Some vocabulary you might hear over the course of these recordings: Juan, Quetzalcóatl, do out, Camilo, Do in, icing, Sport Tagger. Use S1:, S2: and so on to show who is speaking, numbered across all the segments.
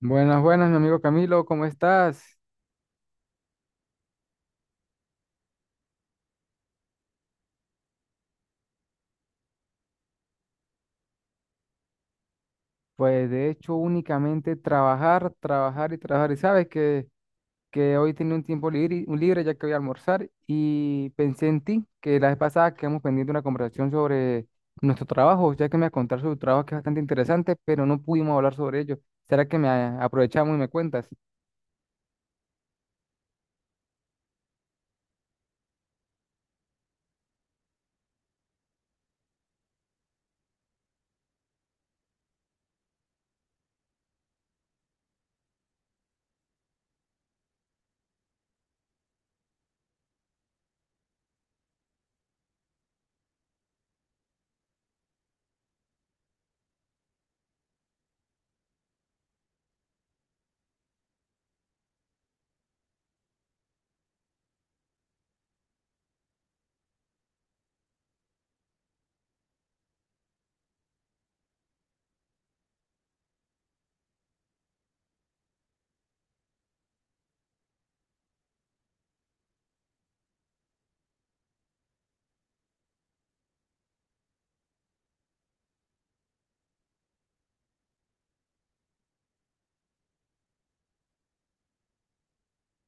S1: Buenas, buenas, mi amigo Camilo, ¿cómo estás? Pues de hecho únicamente trabajar, trabajar y trabajar. Y sabes que hoy tenía un tiempo libre, un libre ya que voy a almorzar y pensé en ti, que la vez pasada quedamos pendiente una conversación sobre nuestro trabajo, ya que me a contar sobre tu trabajo que es bastante interesante, pero no pudimos hablar sobre ello. ¿Será que aprovechamos y me cuentas?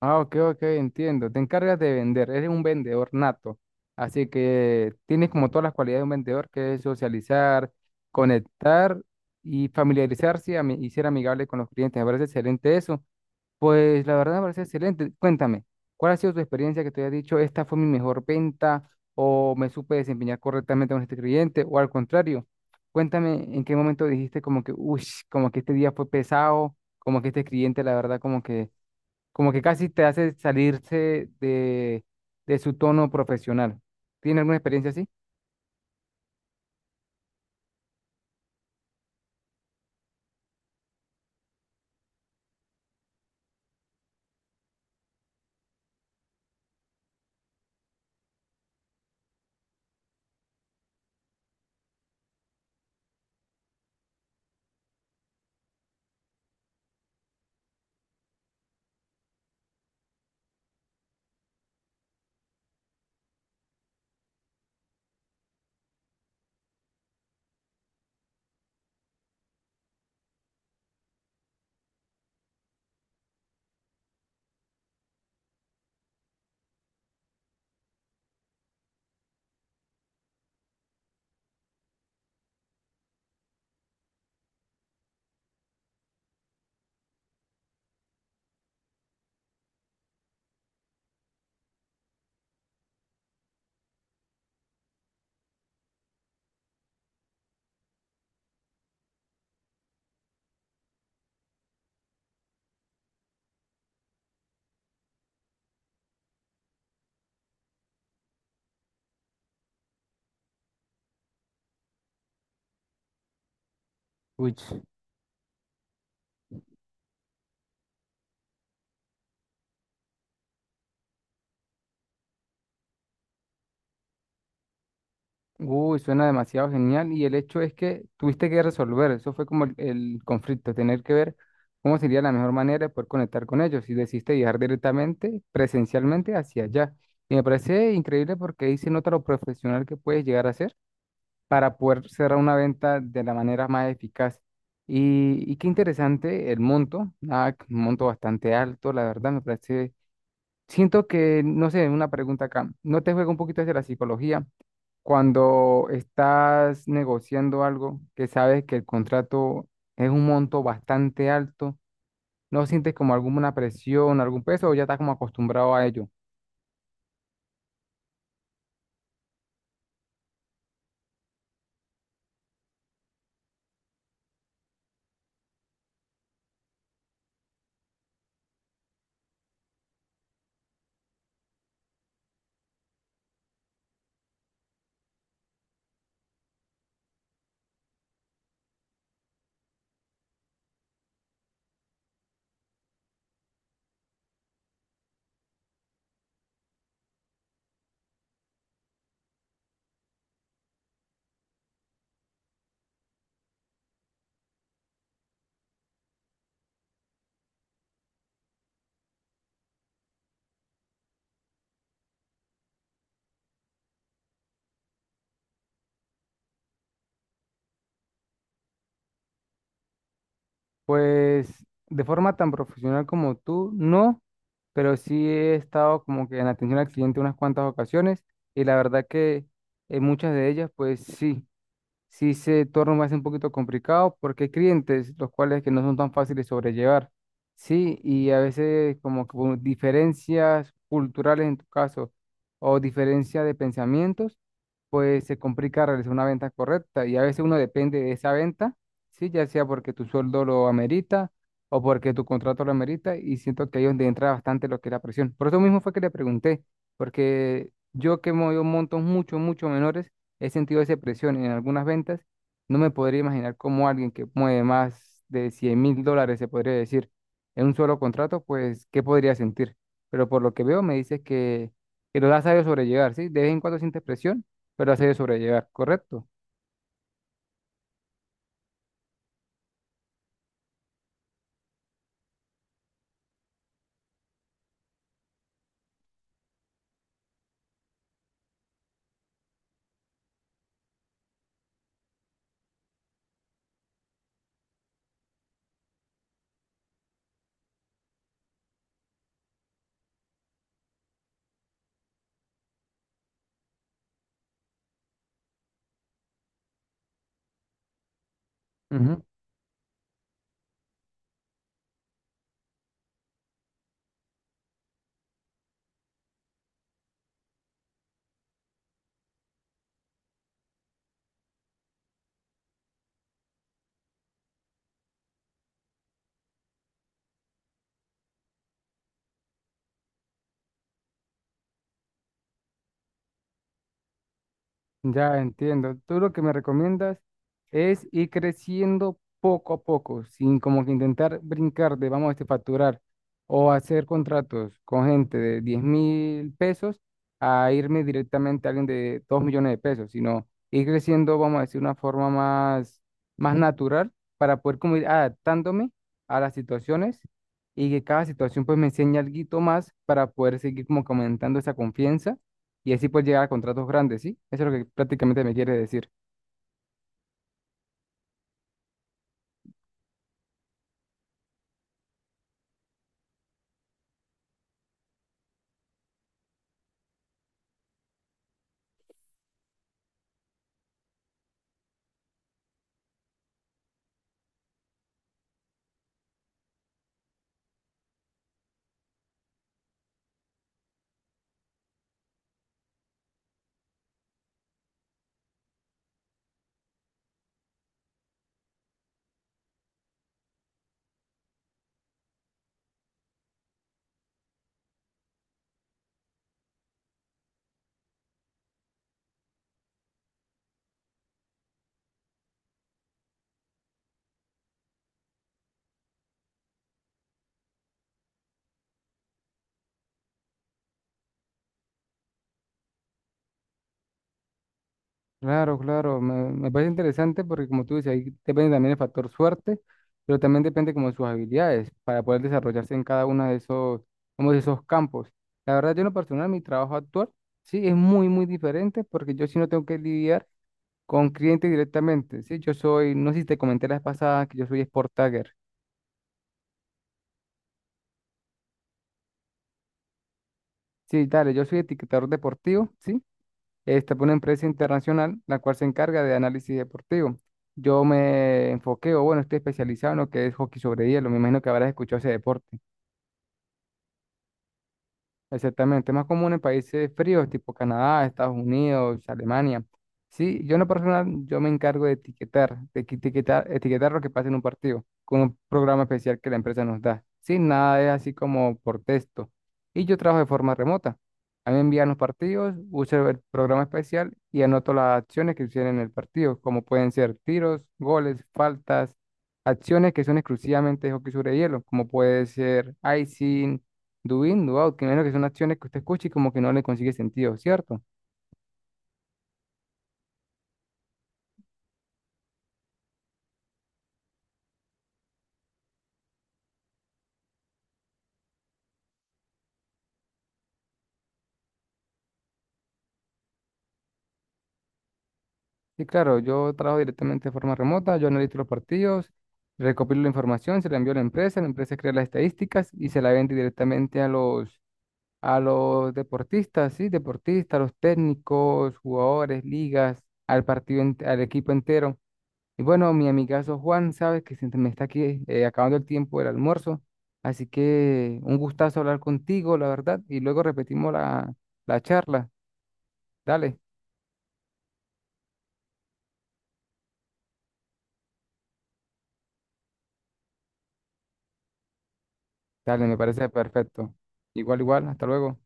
S1: Ah, ok, ok, entiendo. Te encargas de vender, eres un vendedor nato. Así que tienes como todas las cualidades de un vendedor, que es socializar, conectar y familiarizarse y ser amigable con los clientes. Me parece excelente eso. Pues la verdad me parece excelente. Cuéntame, ¿cuál ha sido tu experiencia que te haya dicho, esta fue mi mejor venta o me supe desempeñar correctamente con este cliente o al contrario? Cuéntame en qué momento dijiste como que, uy, como que este día fue pesado, como que este cliente la verdad como que casi te hace salirse de su tono profesional. ¿Tiene alguna experiencia así? Uy, ch- uy, suena demasiado genial. Y el hecho es que tuviste que resolver, eso fue como el conflicto, tener que ver cómo sería la mejor manera de poder conectar con ellos. Y decidiste viajar directamente, presencialmente hacia allá. Y me parece increíble porque ahí se nota lo profesional que puedes llegar a ser para poder cerrar una venta de la manera más eficaz. Y qué interesante el monto, ah, un monto bastante alto, la verdad me parece. Siento que, no sé, una pregunta acá, ¿no te juega un poquito hacia la psicología cuando estás negociando algo que sabes que el contrato es un monto bastante alto? ¿No sientes como alguna presión, algún peso o ya estás como acostumbrado a ello? Pues de forma tan profesional como tú, no, pero sí he estado como que en atención al cliente unas cuantas ocasiones y la verdad que en muchas de ellas, pues sí, sí se torna más un poquito complicado porque hay clientes los cuales que no son tan fáciles de sobrellevar, ¿sí? Y a veces como que por diferencias culturales en tu caso o diferencia de pensamientos, pues se complica realizar una venta correcta y a veces uno depende de esa venta, ¿sí? Ya sea porque tu sueldo lo amerita o porque tu contrato lo amerita y siento que ahí es donde entra bastante lo que es la presión. Por eso mismo fue que le pregunté, porque yo que movido montos mucho, mucho menores, he sentido esa presión en algunas ventas. No me podría imaginar cómo alguien que mueve más de 100.000 dólares, se podría decir, en un solo contrato, pues, ¿qué podría sentir? Pero por lo que veo, me dices que lo has sabido sobrellevar, ¿sí? De vez en cuando sientes presión, pero lo has sabido sobrellevar, ¿correcto? Ujú. Ya entiendo. Tú lo que me recomiendas es ir creciendo poco a poco, sin como que intentar brincar de vamos a facturar o hacer contratos con gente de 10.000 pesos a irme directamente a alguien de 2 millones de pesos, sino ir creciendo, vamos a decir, una forma más, más natural para poder como ir adaptándome a las situaciones y que cada situación pues me enseñe algo más para poder seguir como que aumentando esa confianza y así puedes llegar a contratos grandes, ¿sí? Eso es lo que prácticamente me quiere decir. Claro, claro, me parece interesante porque como tú dices, ahí depende también el factor suerte, pero también depende como de sus habilidades para poder desarrollarse en cada uno de esos, como de esos campos. La verdad, yo en lo personal, mi trabajo actual, sí, es muy, muy diferente porque yo sí no tengo que lidiar con clientes directamente, ¿sí? Yo soy, no sé si te comenté la vez pasada que yo soy Sport Tagger. Sí, dale, yo soy etiquetador deportivo, ¿sí? Esta es una empresa internacional la cual se encarga de análisis deportivo. Yo me enfoqué, o bueno, estoy especializado en lo que es hockey sobre hielo. Me imagino que habrás escuchado ese deporte. Exactamente, es más común en países fríos, tipo Canadá, Estados Unidos, Alemania. Sí, yo en lo personal, yo me encargo de etiquetar, etiquetar lo que pasa en un partido, con un programa especial que la empresa nos da. Sí, nada es así como por texto. Y yo trabajo de forma remota. A mí me envían los partidos, uso el programa especial y anoto las acciones que suceden en el partido, como pueden ser tiros, goles, faltas, acciones que son exclusivamente de hockey sobre hielo, como puede ser icing do in, do out, que menos que son acciones que usted escucha y como que no le consigue sentido, ¿cierto? Y claro, yo trabajo directamente de forma remota, yo analizo los partidos, recopilo la información, se la envío a la empresa crea las estadísticas y se la vende directamente a a los deportistas, ¿sí? Deportistas, los técnicos, jugadores, ligas, al partido, al equipo entero. Y bueno, mi amigazo Juan, sabes que se me está aquí acabando el tiempo del almuerzo, así que un gustazo hablar contigo, la verdad, y luego repetimos la charla. Dale, dale, me parece perfecto. Igual, igual, hasta luego.